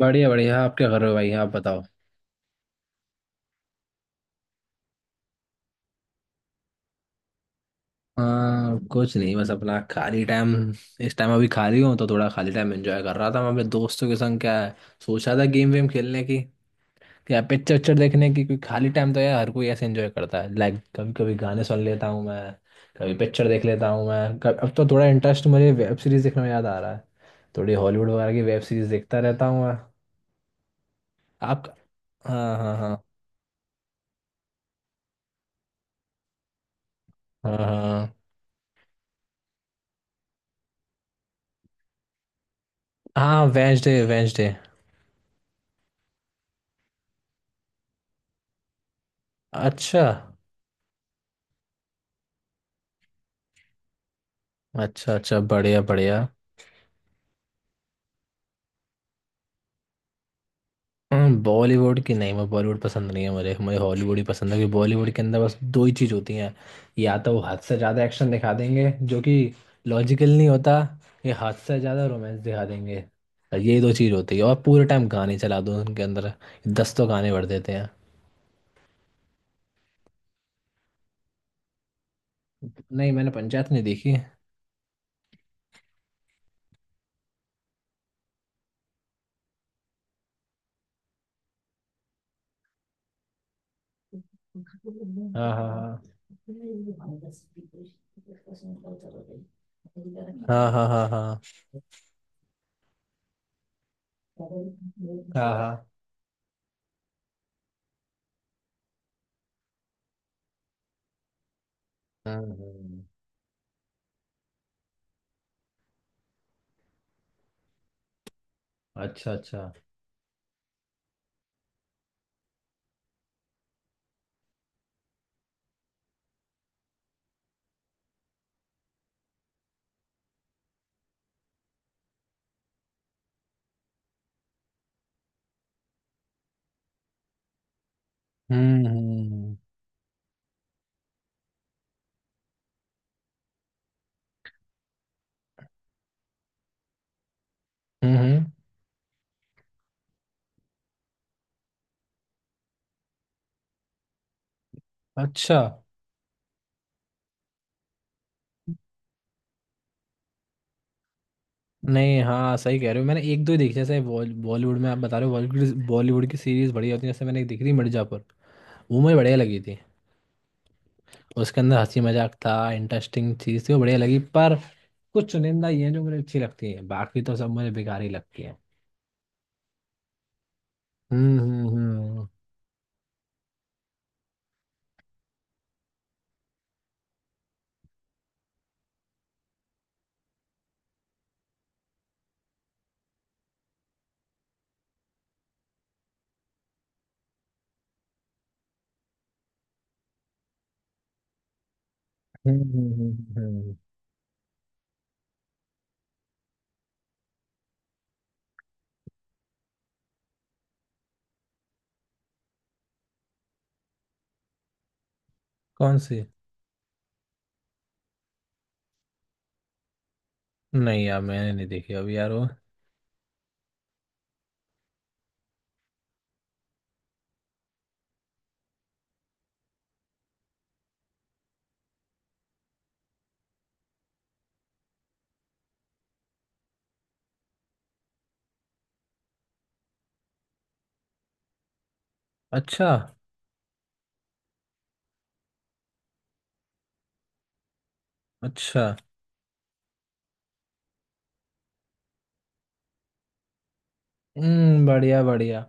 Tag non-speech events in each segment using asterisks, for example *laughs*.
बढ़िया बढ़िया आप क्या कर रहे हो भाई? आप बताओ। हाँ कुछ नहीं बस अपना खाली टाइम, इस टाइम अभी खाली हूँ तो थोड़ा खाली टाइम एंजॉय कर रहा था मैं अपने दोस्तों के संग, क्या है, सोचा था गेम वेम खेलने की या पिक्चर उच्चर देखने की, क्योंकि खाली टाइम तो यार हर कोई ऐसे एंजॉय करता है। लाइक कभी कभी गाने सुन लेता हूँ मैं, कभी पिक्चर देख लेता हूँ मैं कभी। अब तो थोड़ा इंटरेस्ट मुझे वेब सीरीज देखने में याद आ रहा है। थोड़ी हॉलीवुड वगैरह की वेब सीरीज देखता रहता हूँ मैं। आप। हाँ हाँ हाँ। हाँ हाँ हाँ वेंसडे वेंसडे। अच्छा। अच्छा अच्छा बढ़िया बढ़िया। बॉलीवुड की नहीं, मैं बॉलीवुड पसंद नहीं है मुझे। मुझे हॉलीवुड ही पसंद है क्योंकि बॉलीवुड के अंदर बस दो ही चीज़ होती हैं। या तो वो हद से ज़्यादा एक्शन दिखा देंगे जो कि लॉजिकल नहीं होता, या हद से ज़्यादा रोमांस दिखा देंगे। ये दो चीज़ होती है, और पूरे टाइम गाने चला दो उनके अंदर, 10 तो गाने भर देते हैं। नहीं, मैंने पंचायत नहीं देखी। हाँ हाँ हाँ हाँ हाँ हाँ हाँ हाँ हाँ हाँ। हम्म, हम्म। अच्छा अच्छा। हम्म हम्म हम्म हम्म। अच्छा। नहीं, हाँ सही कह रहे हो, मैंने एक दो ही देखी। जैसे बॉलीवुड में आप बता रहे हो, बॉलीवुड बॉलीवुड की सीरीज बढ़िया होती है। जैसे मैंने एक देखी थी, मिर्जापुर, वो मुझे बढ़िया लगी थी। उसके अंदर हंसी मजाक था, इंटरेस्टिंग चीज थी, वो बढ़िया लगी। पर कुछ चुनिंदा ये हैं जो मुझे अच्छी लगती है, बाकी तो सब मुझे बेकार ही लगती है। हम्म हम्म हम्म हम्म हम्म, हम्म, हम्म। कौन सी? नहीं यार मैंने नहीं देखी अभी यार वो। अच्छा। अच्छा। हम्म, बढ़िया बढ़िया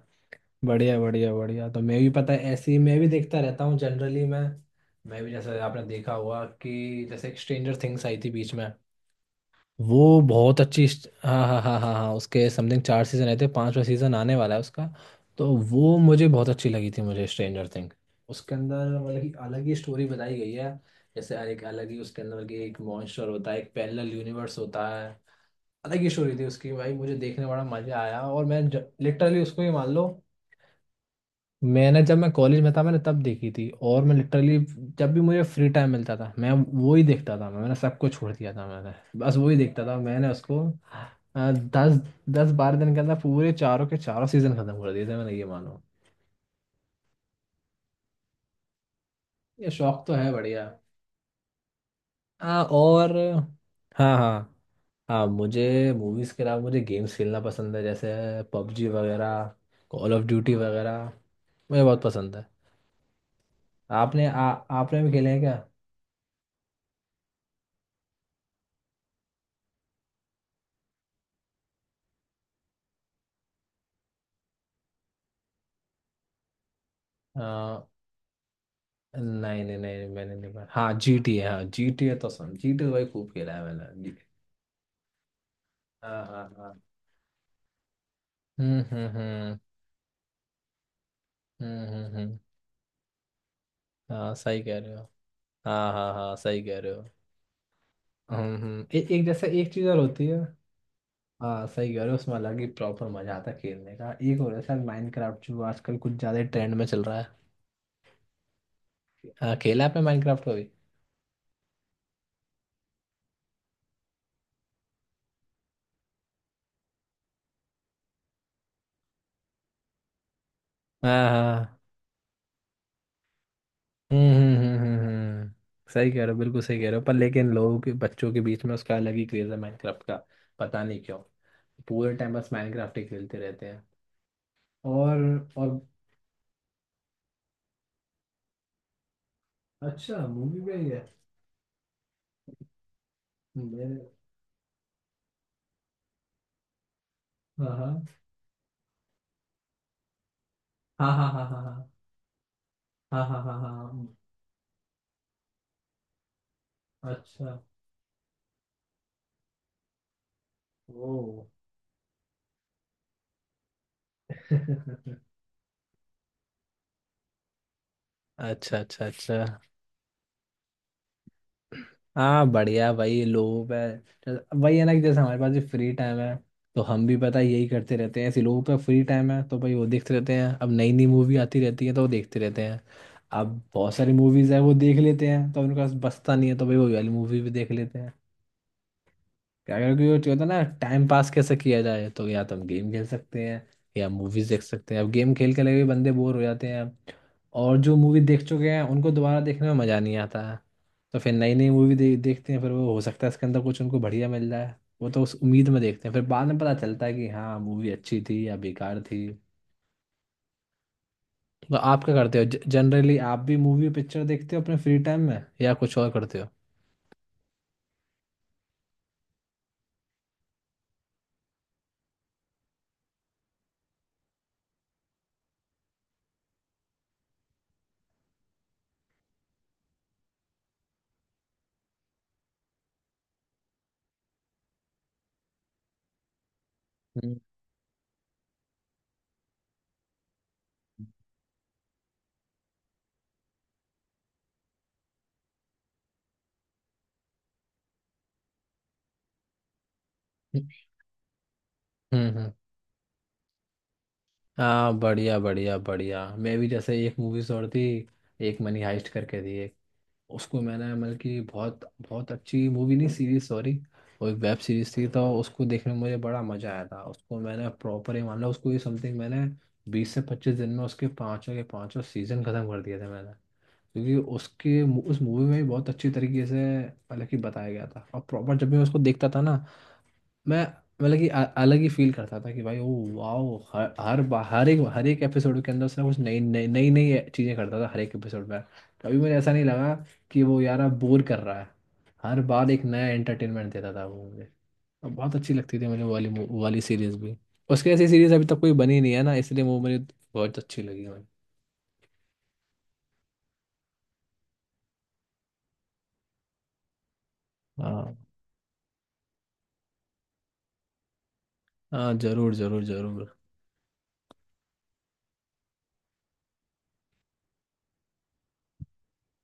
बढ़िया बढ़िया बढ़िया, तो मैं भी पता है ऐसे ही मैं भी देखता रहता हूँ जनरली मैं। मैं भी, जैसे आपने देखा होगा कि जैसे एक स्ट्रेंजर थिंग्स आई थी बीच में, वो बहुत अच्छी हाँ हाँ हाँ हाँ हाँ, उसके समथिंग चार सीजन आए थे, पांचवा सीजन आने वाला है उसका। तो वो मुझे बहुत अच्छी लगी थी मुझे, स्ट्रेंजर थिंग। उसके अंदर मतलब कि अलग ही स्टोरी बताई गई है। जैसे एक अलग ही उसके अंदर की एक मॉन्स्टर होता है, एक पैरेलल यूनिवर्स होता है। अलग ही स्टोरी थी उसकी भाई, मुझे देखने में बड़ा मजा आया। और मैं लिटरली उसको ये मान लो, मैंने, जब मैं कॉलेज में था मैंने तब देखी थी, और मैं लिटरली जब भी मुझे फ्री टाइम मिलता था, मैं वो ही देखता था, मैंने सब कुछ छोड़ दिया था मैंने, बस वो ही देखता था मैंने उसको। अ, दस 10-12 दिन के अंदर पूरे चारों के चारों सीजन खत्म कर दिए थे मैंने, ये मानो। ये शौक तो है बढ़िया। और, हाँ हाँ। हाँ मुझे मूवीज के अलावा मुझे गेम्स खेलना पसंद है, जैसे पबजी वगैरह, कॉल ऑफ ड्यूटी वगैरह, मुझे बहुत पसंद है। आपने भी खेले हैं क्या? नहीं नहीं नहीं, मैंने नहीं पढ़ा। हाँ जी टी है, तो सुन जी टी भाई खूब खेला है मैंने। हाँ हाँ हाँ, हम्म हम्म हम्म हम्म हम्म हम्म, हाँ सही कह रहे हो। हाँ हाँ हाँ सही कह रहे हो। हम्म, एक, जैसे एक चीज़ और होती है। हाँ सही कह रहे हो, उसमें अलग ही प्रॉपर मजा आता है खेलने का। एक और है सर, माइनक्राफ्ट, जो आजकल कुछ ज्यादा ट्रेंड में चल रहा है। हाँ, खेला है आपने माइनक्राफ्ट को भी? हाँ हाँ। सही कह रहे हो, बिल्कुल सही कह रहे हो। पर लेकिन लोगों के बच्चों के बीच में उसका अलग ही क्रेज है माइनक्राफ्ट का, पता नहीं क्यों। पूरे टाइम बस माइनक्राफ्ट ही खेलते रहते हैं। और। और। अच्छा, मूवी में ही है? मेरे, हाँ हाँ। हाँ हाँ हाँ हाँ हाँ हाँ हाँ हाँ हाँ, अच्छा, ओ *laughs* अच्छा अच्छा अच्छा। हाँ बढ़िया भाई, लोगों पे। वही है ना, कि जैसे हमारे पास भी फ्री टाइम है, तो हम भी पता है यही करते रहते हैं। ऐसे लोगों पे फ्री टाइम है तो भाई वो देखते रहते हैं, अब नई नई मूवी आती रहती है तो वो देखते रहते हैं। अब बहुत सारी मूवीज है वो देख लेते हैं तो उनके पास बचता नहीं है, तो भाई वो वाली मूवी भी देख लेते हैं। क्या, क्योंकि वो होता है ना टाइम पास कैसे किया जाए, तो या तो हम गेम खेल सकते हैं या मूवीज देख सकते हैं। अब गेम खेल के लगे बंदे बोर हो जाते हैं, और जो मूवी देख चुके हैं उनको दोबारा देखने में मज़ा नहीं आता है, तो फिर नई नई मूवी देखते हैं। फिर वो हो सकता है इसके अंदर कुछ उनको बढ़िया मिल जाए, वो तो उस उम्मीद में देखते हैं, फिर बाद में पता चलता है कि हाँ मूवी अच्छी थी या बेकार थी। तो आप क्या करते हो, जनरली आप भी मूवी पिक्चर देखते हो अपने फ्री टाइम में या कुछ और करते हो? हम्म हम्म। हाँ बढ़िया बढ़िया बढ़िया, मैं भी, जैसे एक मूवीज और थी, एक मनी हाइस्ट करके थी एक। उसको मैंने, मतलब कि बहुत बहुत अच्छी मूवी, नहीं सीरीज सॉरी, वो एक वेब सीरीज थी, तो उसको देखने में मुझे बड़ा मजा आया था। उसको मैंने प्रॉपर ही, मान लो उसको ये समथिंग मैंने 20 से 25 दिन में उसके पांचों के पांचों सीजन खत्म कर दिए थे मैंने। क्योंकि उसके, उस मूवी में भी बहुत अच्छी तरीके से, मतलब कि बताया गया था। और प्रॉपर जब भी मैं उसको देखता था ना, मैं, मतलब कि अलग ही फील करता था, कि भाई ओ वाओ। हर हर हर एक, हर एक एपिसोड के अंदर उसने कुछ नई नई नई नई चीज़ें करता था हर एक एपिसोड में। कभी मुझे ऐसा नहीं लगा कि वो यार अब बोर कर रहा है। हर बार एक नया एंटरटेनमेंट देता था वो मुझे, और बहुत अच्छी लगती थी मुझे वो वाली वो वाली सीरीज भी। उसकी ऐसी सीरीज अभी तक कोई बनी नहीं है ना, इसलिए वो मुझे बहुत अच्छी लगी मुझे। हाँ हाँ, जरूर जरूर जरूर।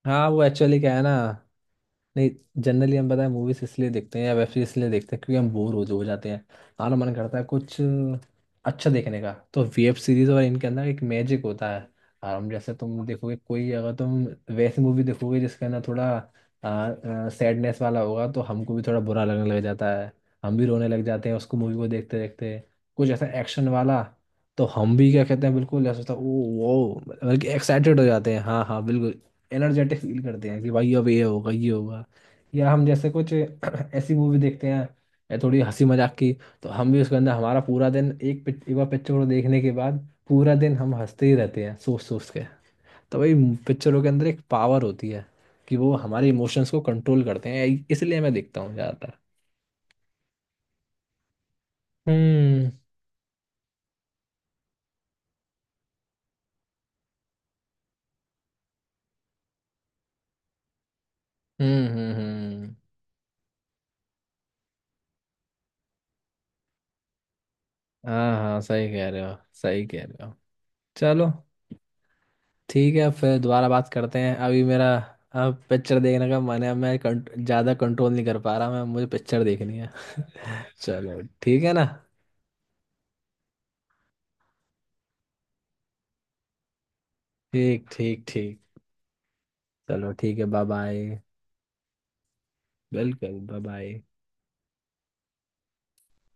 हाँ वो एक्चुअली क्या है ना, नहीं जनरली हम पता है मूवीज इसलिए देखते हैं या वेब सीरीज इसलिए देखते हैं क्योंकि हम बोर हो जाते हैं। हमारा मन करता है कुछ अच्छा देखने का, तो वेब सीरीज और इनके अंदर एक मैजिक होता है। और हम, जैसे तुम देखोगे कोई, अगर तुम वैसी मूवी देखोगे जिसके अंदर थोड़ा सैडनेस वाला होगा, तो हमको भी थोड़ा बुरा लगने लग जाता है, हम भी रोने लग जाते हैं उसको, मूवी को देखते देखते। कुछ ऐसा एक्शन वाला, तो हम भी क्या कहते हैं, बिल्कुल ऐसा होता है ओ, वो बल्कि एक्साइटेड हो जाते हैं। हाँ हाँ बिल्कुल, एनर्जेटिक फील करते हैं, कि भाई अब ये होगा ये होगा। या हम, जैसे कुछ *clears throat* ऐसी मूवी देखते हैं या थोड़ी हंसी मजाक की, तो हम भी उसके अंदर, हमारा पूरा दिन एक एक बार पिक्चर को देखने के बाद पूरा दिन हम हंसते ही रहते हैं सोच सोच के। तो भाई पिक्चरों के अंदर एक पावर होती है, कि वो हमारे इमोशंस को कंट्रोल करते हैं, इसलिए मैं देखता हूँ ज़्यादातर। हम्म हम्म हम्म हम्म। हाँ हाँ सही कह रहे हो, सही कह रहे हो। चलो ठीक है, फिर दोबारा बात करते हैं, अभी मेरा अब पिक्चर देखने का मन है। मैं ज़्यादा कंट्रोल नहीं कर पा रहा मैं, मुझे पिक्चर देखनी है। *laughs* चलो ठीक है ना। ठीक ठीक ठीक, चलो ठीक है, बाय बाय। बिल्कुल, बाय बाय।